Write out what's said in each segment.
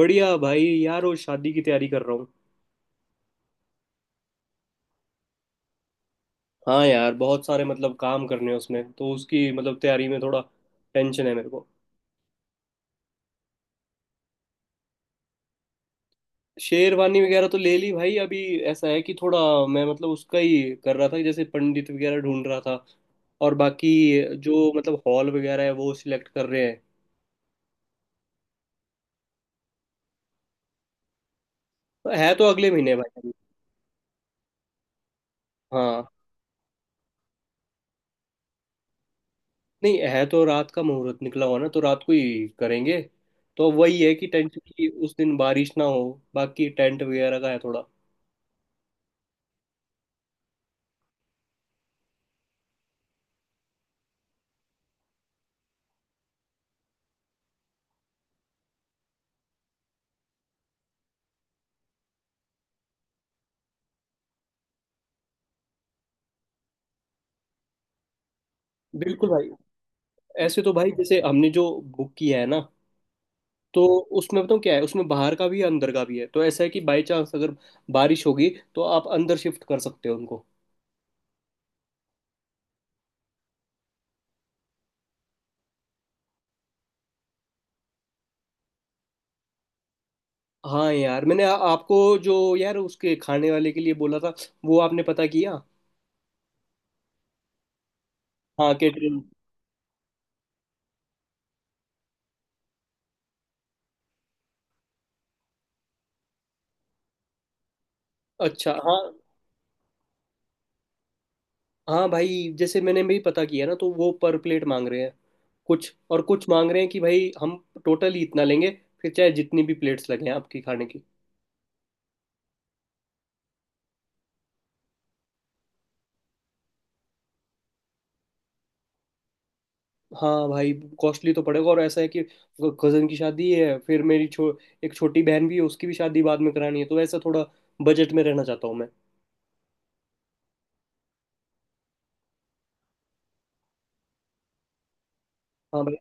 बढ़िया भाई, यार वो शादी की तैयारी कर रहा हूँ। हाँ यार, बहुत सारे मतलब काम करने हैं उसमें, तो उसकी मतलब तैयारी में थोड़ा टेंशन है मेरे को। शेरवानी वगैरह तो ले ली भाई। अभी ऐसा है कि थोड़ा मैं मतलब उसका ही कर रहा था, जैसे पंडित वगैरह ढूंढ रहा था और बाकी जो मतलब हॉल वगैरह है वो सिलेक्ट कर रहे हैं। तो है तो अगले महीने भाई अभी। हाँ। नहीं, है तो रात का मुहूर्त निकला हुआ ना, तो रात को ही करेंगे। तो वही है कि टेंशन की उस दिन बारिश ना हो। बाकी टेंट वगैरह का है थोड़ा। बिल्कुल भाई। ऐसे तो भाई जैसे हमने जो बुक किया है ना, तो उसमें बताऊँ क्या है, उसमें बाहर का भी है अंदर का भी है, तो ऐसा है कि बाई चांस अगर बारिश होगी तो आप अंदर शिफ्ट कर सकते हो उनको। हाँ यार, मैंने आपको जो यार उसके खाने वाले के लिए बोला था, वो आपने पता किया? हाँ, कैटरिंग। अच्छा। हाँ, हाँ भाई, जैसे मैंने भी पता किया ना, तो वो पर प्लेट मांग रहे हैं, कुछ और कुछ मांग रहे हैं कि भाई हम टोटल ही इतना लेंगे, फिर चाहे जितनी भी प्लेट्स लगे आपकी खाने की। हाँ भाई। कॉस्टली तो पड़ेगा, और ऐसा है कि कजन की शादी है, फिर मेरी एक छोटी बहन भी है, उसकी भी शादी बाद में करानी है, तो ऐसा थोड़ा बजट में रहना चाहता हूँ मैं। हाँ भाई।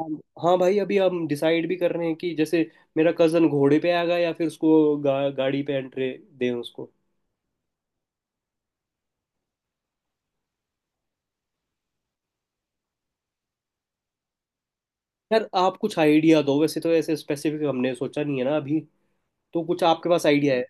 हाँ, हाँ भाई, अभी हम डिसाइड भी कर रहे हैं कि जैसे मेरा कजन घोड़े पे आएगा या फिर उसको गाड़ी पे एंट्री दें उसको। यार आप कुछ आइडिया दो, वैसे तो ऐसे स्पेसिफिक हमने सोचा नहीं है ना अभी। तो कुछ आपके पास आइडिया है?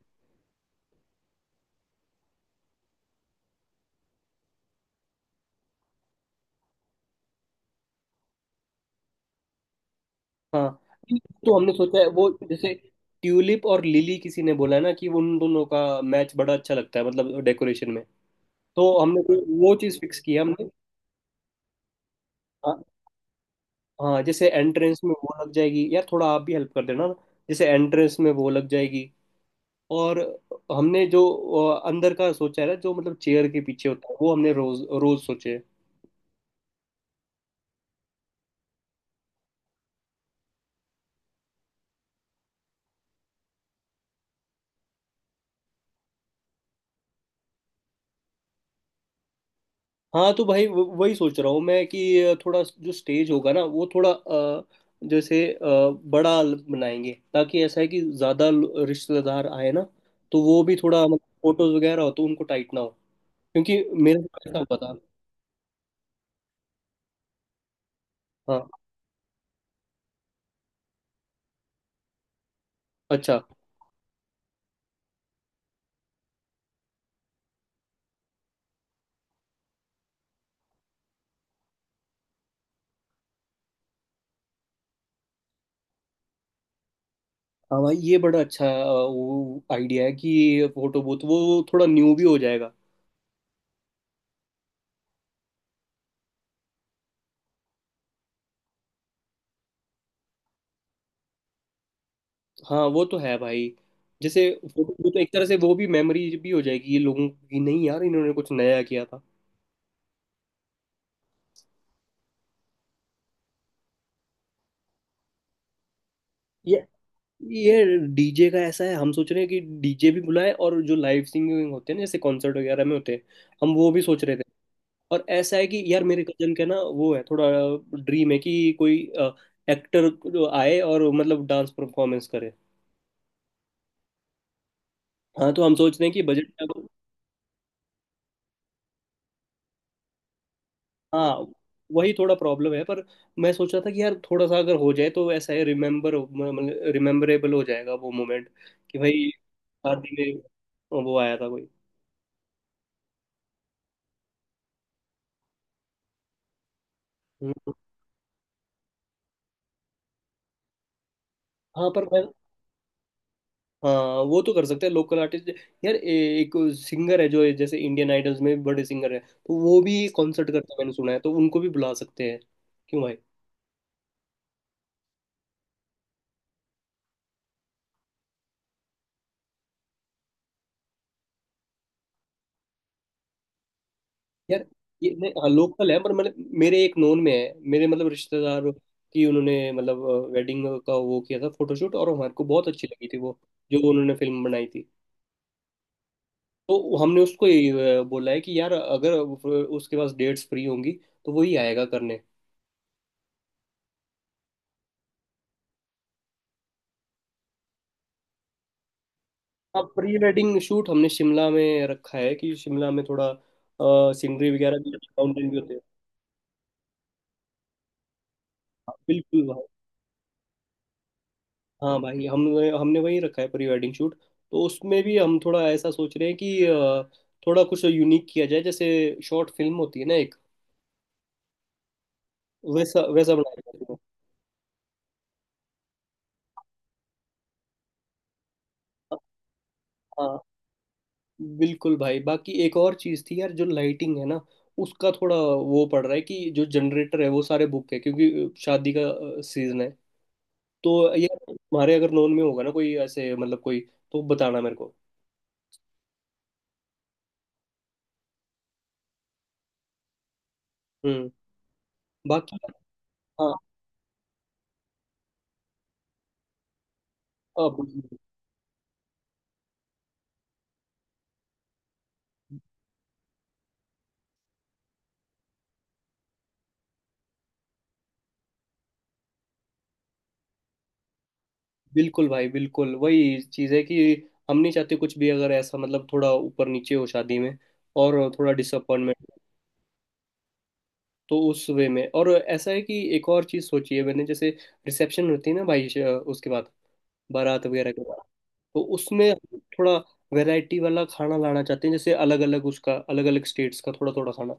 हाँ, तो हमने सोचा है वो जैसे ट्यूलिप और लिली, किसी ने बोला है ना कि उन दोनों का मैच बड़ा अच्छा लगता है, मतलब डेकोरेशन में। तो हमने कोई वो चीज़ फिक्स की है हमने। हाँ। हाँ जैसे एंट्रेंस में वो लग जाएगी, यार थोड़ा आप भी हेल्प कर देना ना, जैसे एंट्रेंस में वो लग जाएगी। और हमने जो अंदर का सोचा है ना, जो मतलब चेयर के पीछे होता है, वो हमने रोज रोज सोचे है। हाँ तो भाई, वही सोच रहा हूँ मैं कि थोड़ा जो स्टेज होगा ना, वो थोड़ा जैसे बड़ा बनाएंगे, ताकि ऐसा है कि ज़्यादा रिश्तेदार आए ना, तो वो भी थोड़ा मतलब फोटोज वगैरह हो तो उनको टाइट ना हो, क्योंकि मेरे को ऐसा पता। हाँ, अच्छा। हाँ भाई, ये बड़ा अच्छा वो आइडिया है कि फोटो बूथ, वो थोड़ा न्यू भी हो जाएगा। हाँ वो तो है भाई। जैसे फोटो बूथ एक तरह से वो भी मेमोरी भी हो जाएगी ये लोगों की, नहीं यार इन्होंने कुछ नया किया था। ये ये डीजे का ऐसा है, हम सोच रहे हैं कि डीजे भी बुलाए और जो लाइव सिंगिंग होते हैं ना, जैसे कॉन्सर्ट वगैरह में होते हैं, हम वो भी सोच रहे थे। और ऐसा है कि यार मेरे कजन का ना वो है थोड़ा ड्रीम है कि कोई एक्टर आए और मतलब डांस परफॉर्मेंस करे। हाँ तो हम सोच रहे हैं कि बजट। हाँ वही थोड़ा प्रॉब्लम है, पर मैं सोच रहा था कि यार थोड़ा सा अगर हो जाए तो ऐसा है, रिमेम्बरेबल हो जाएगा वो मोमेंट, कि भाई शादी में वो आया था कोई। हम्म। हाँ पर मैं। हाँ वो तो कर सकते हैं लोकल आर्टिस्ट। यार एक सिंगर है जो जैसे इंडियन आइडल्स में बड़े सिंगर है, तो वो भी कॉन्सर्ट करते हैं मैंने सुना है, तो उनको भी बुला सकते हैं। क्यों भाई? यार ये नहीं, हाँ लोकल है पर मैंने, मेरे एक नोन में है, मेरे मतलब रिश्तेदार की, उन्होंने मतलब वेडिंग का वो किया था फोटोशूट और हमारे को बहुत अच्छी लगी थी वो, जो उन्होंने फिल्म बनाई थी, तो हमने उसको ये बोला है कि यार अगर उसके पास डेट्स फ्री होंगी तो वो ही आएगा करने। हाँ, प्री वेडिंग शूट हमने शिमला में रखा है, कि शिमला में थोड़ा सीनरी वगैरह भी, माउंटेन भी होते हैं। हाँ, बिल्कुल। हाँ भाई, हम, हमने वही रखा है प्री वेडिंग शूट। तो उसमें भी हम थोड़ा ऐसा सोच रहे हैं कि थोड़ा कुछ यूनिक किया जाए, जैसे शॉर्ट फिल्म होती है ना एक, वैसा वैसा बनाया जाए। हाँ बिल्कुल भाई। बाकी एक और चीज़ थी यार, जो लाइटिंग है ना, उसका थोड़ा वो पड़ रहा है कि जो जनरेटर है वो सारे बुक है क्योंकि शादी का सीजन है। तो यार तुम्हारे अगर नॉन में होगा ना कोई ऐसे मतलब कोई, तो बताना मेरे को। हम्म। बाकी हाँ। हाँ, बिल्कुल भाई, बिल्कुल वही चीज़ है कि हम नहीं चाहते कुछ भी अगर ऐसा मतलब थोड़ा ऊपर नीचे हो शादी में और थोड़ा डिसअपॉइंटमेंट। तो उस वे में, और ऐसा है कि एक और चीज़ सोची है मैंने, जैसे रिसेप्शन होती है ना भाई, उसके बाद, बारात वगैरह के बाद, तो उसमें हम थोड़ा वैरायटी वाला खाना लाना चाहते हैं, जैसे अलग अलग उसका, अलग अलग स्टेट्स का थोड़ा थोड़ा खाना।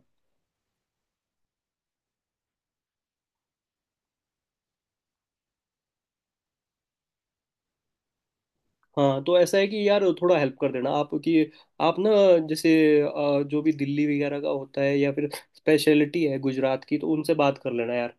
हाँ तो ऐसा है कि यार थोड़ा हेल्प कर देना आप कि आप ना जैसे जो भी दिल्ली वगैरह का होता है या फिर स्पेशलिटी है गुजरात की, तो उनसे बात कर लेना यार।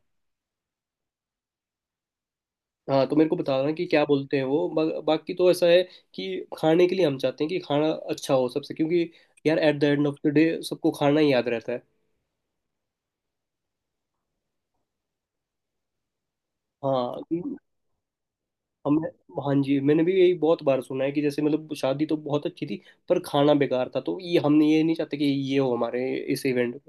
हाँ तो मेरे को बताना कि क्या बोलते हैं वो। बाकी तो ऐसा है कि खाने के लिए हम चाहते हैं कि खाना अच्छा हो सबसे, क्योंकि यार at the end of the day सबको खाना ही याद रहता है। हाँ कि हमने, हाँ जी, मैंने भी यही बहुत बार सुना है कि जैसे मतलब शादी तो बहुत अच्छी थी पर खाना बेकार था, तो ये हम ये नहीं चाहते कि ये हो हमारे इस इवेंट।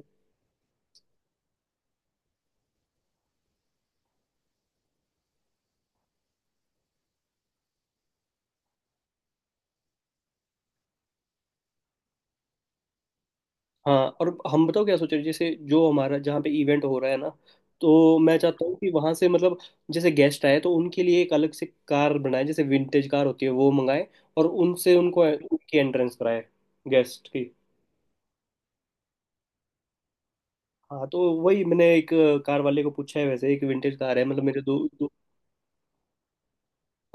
हाँ, और हम बताओ क्या सोच रहे हैं? जैसे जो हमारा, जहाँ पे इवेंट हो रहा है ना, तो मैं चाहता हूँ कि वहाँ से मतलब जैसे गेस्ट आए तो उनके लिए एक अलग से कार बनाए, जैसे विंटेज कार होती है वो मंगाए, और उनसे उनको उनकी एंट्रेंस कराए, गेस्ट की। हाँ तो वही मैंने एक कार वाले को पूछा है, वैसे एक विंटेज कार है मतलब मेरे दो दो।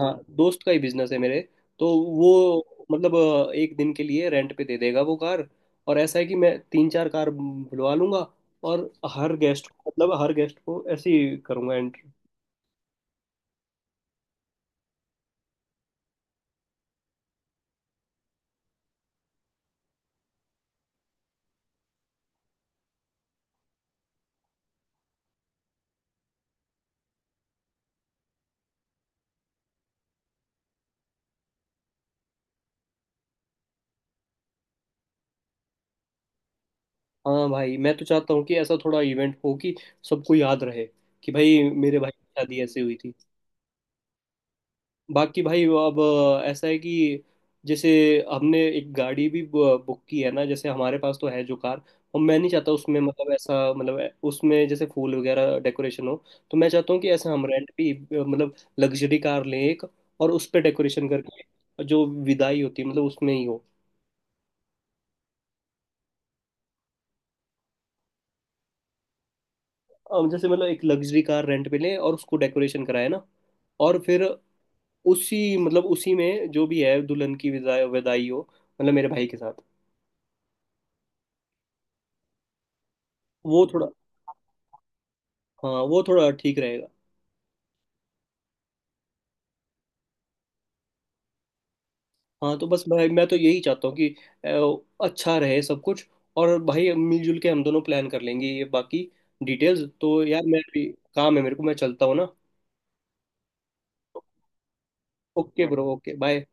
हाँ दोस्त का ही बिजनेस है मेरे। तो वो मतलब एक दिन के लिए रेंट पे दे देगा वो कार। और ऐसा है कि मैं तीन चार कार बुलवा लूंगा, और हर गेस्ट को, मतलब हर गेस्ट को ऐसे ही करूंगा एंट्री। हाँ भाई, मैं तो चाहता हूँ कि ऐसा थोड़ा इवेंट हो कि सबको याद रहे कि भाई मेरे भाई की शादी ऐसे हुई थी। बाकी भाई वो अब ऐसा है कि जैसे हमने एक गाड़ी भी बुक की है ना, जैसे हमारे पास तो है जो कार, और मैं नहीं चाहता उसमें मतलब ऐसा, मतलब उसमें जैसे फूल वगैरह डेकोरेशन हो। तो मैं चाहता हूँ कि ऐसे हम रेंट पे मतलब लग्जरी कार लें एक, और उस पर डेकोरेशन करके जो विदाई होती है मतलब उसमें ही हो। अब जैसे मतलब एक लग्जरी कार रेंट पे लें, और उसको डेकोरेशन कराए ना, और फिर उसी मतलब उसी में जो भी है, दुल्हन की विदाई विदाई हो, मतलब मेरे भाई के साथ। वो थोड़ा, हाँ वो थोड़ा ठीक रहेगा। हाँ, तो बस भाई मैं तो यही चाहता हूँ कि अच्छा रहे सब कुछ, और भाई मिलजुल के हम दोनों प्लान कर लेंगे ये। बाकी डिटेल्स तो यार, मैं भी, काम है मेरे को, मैं चलता हूँ ना। Okay bro, okay bye.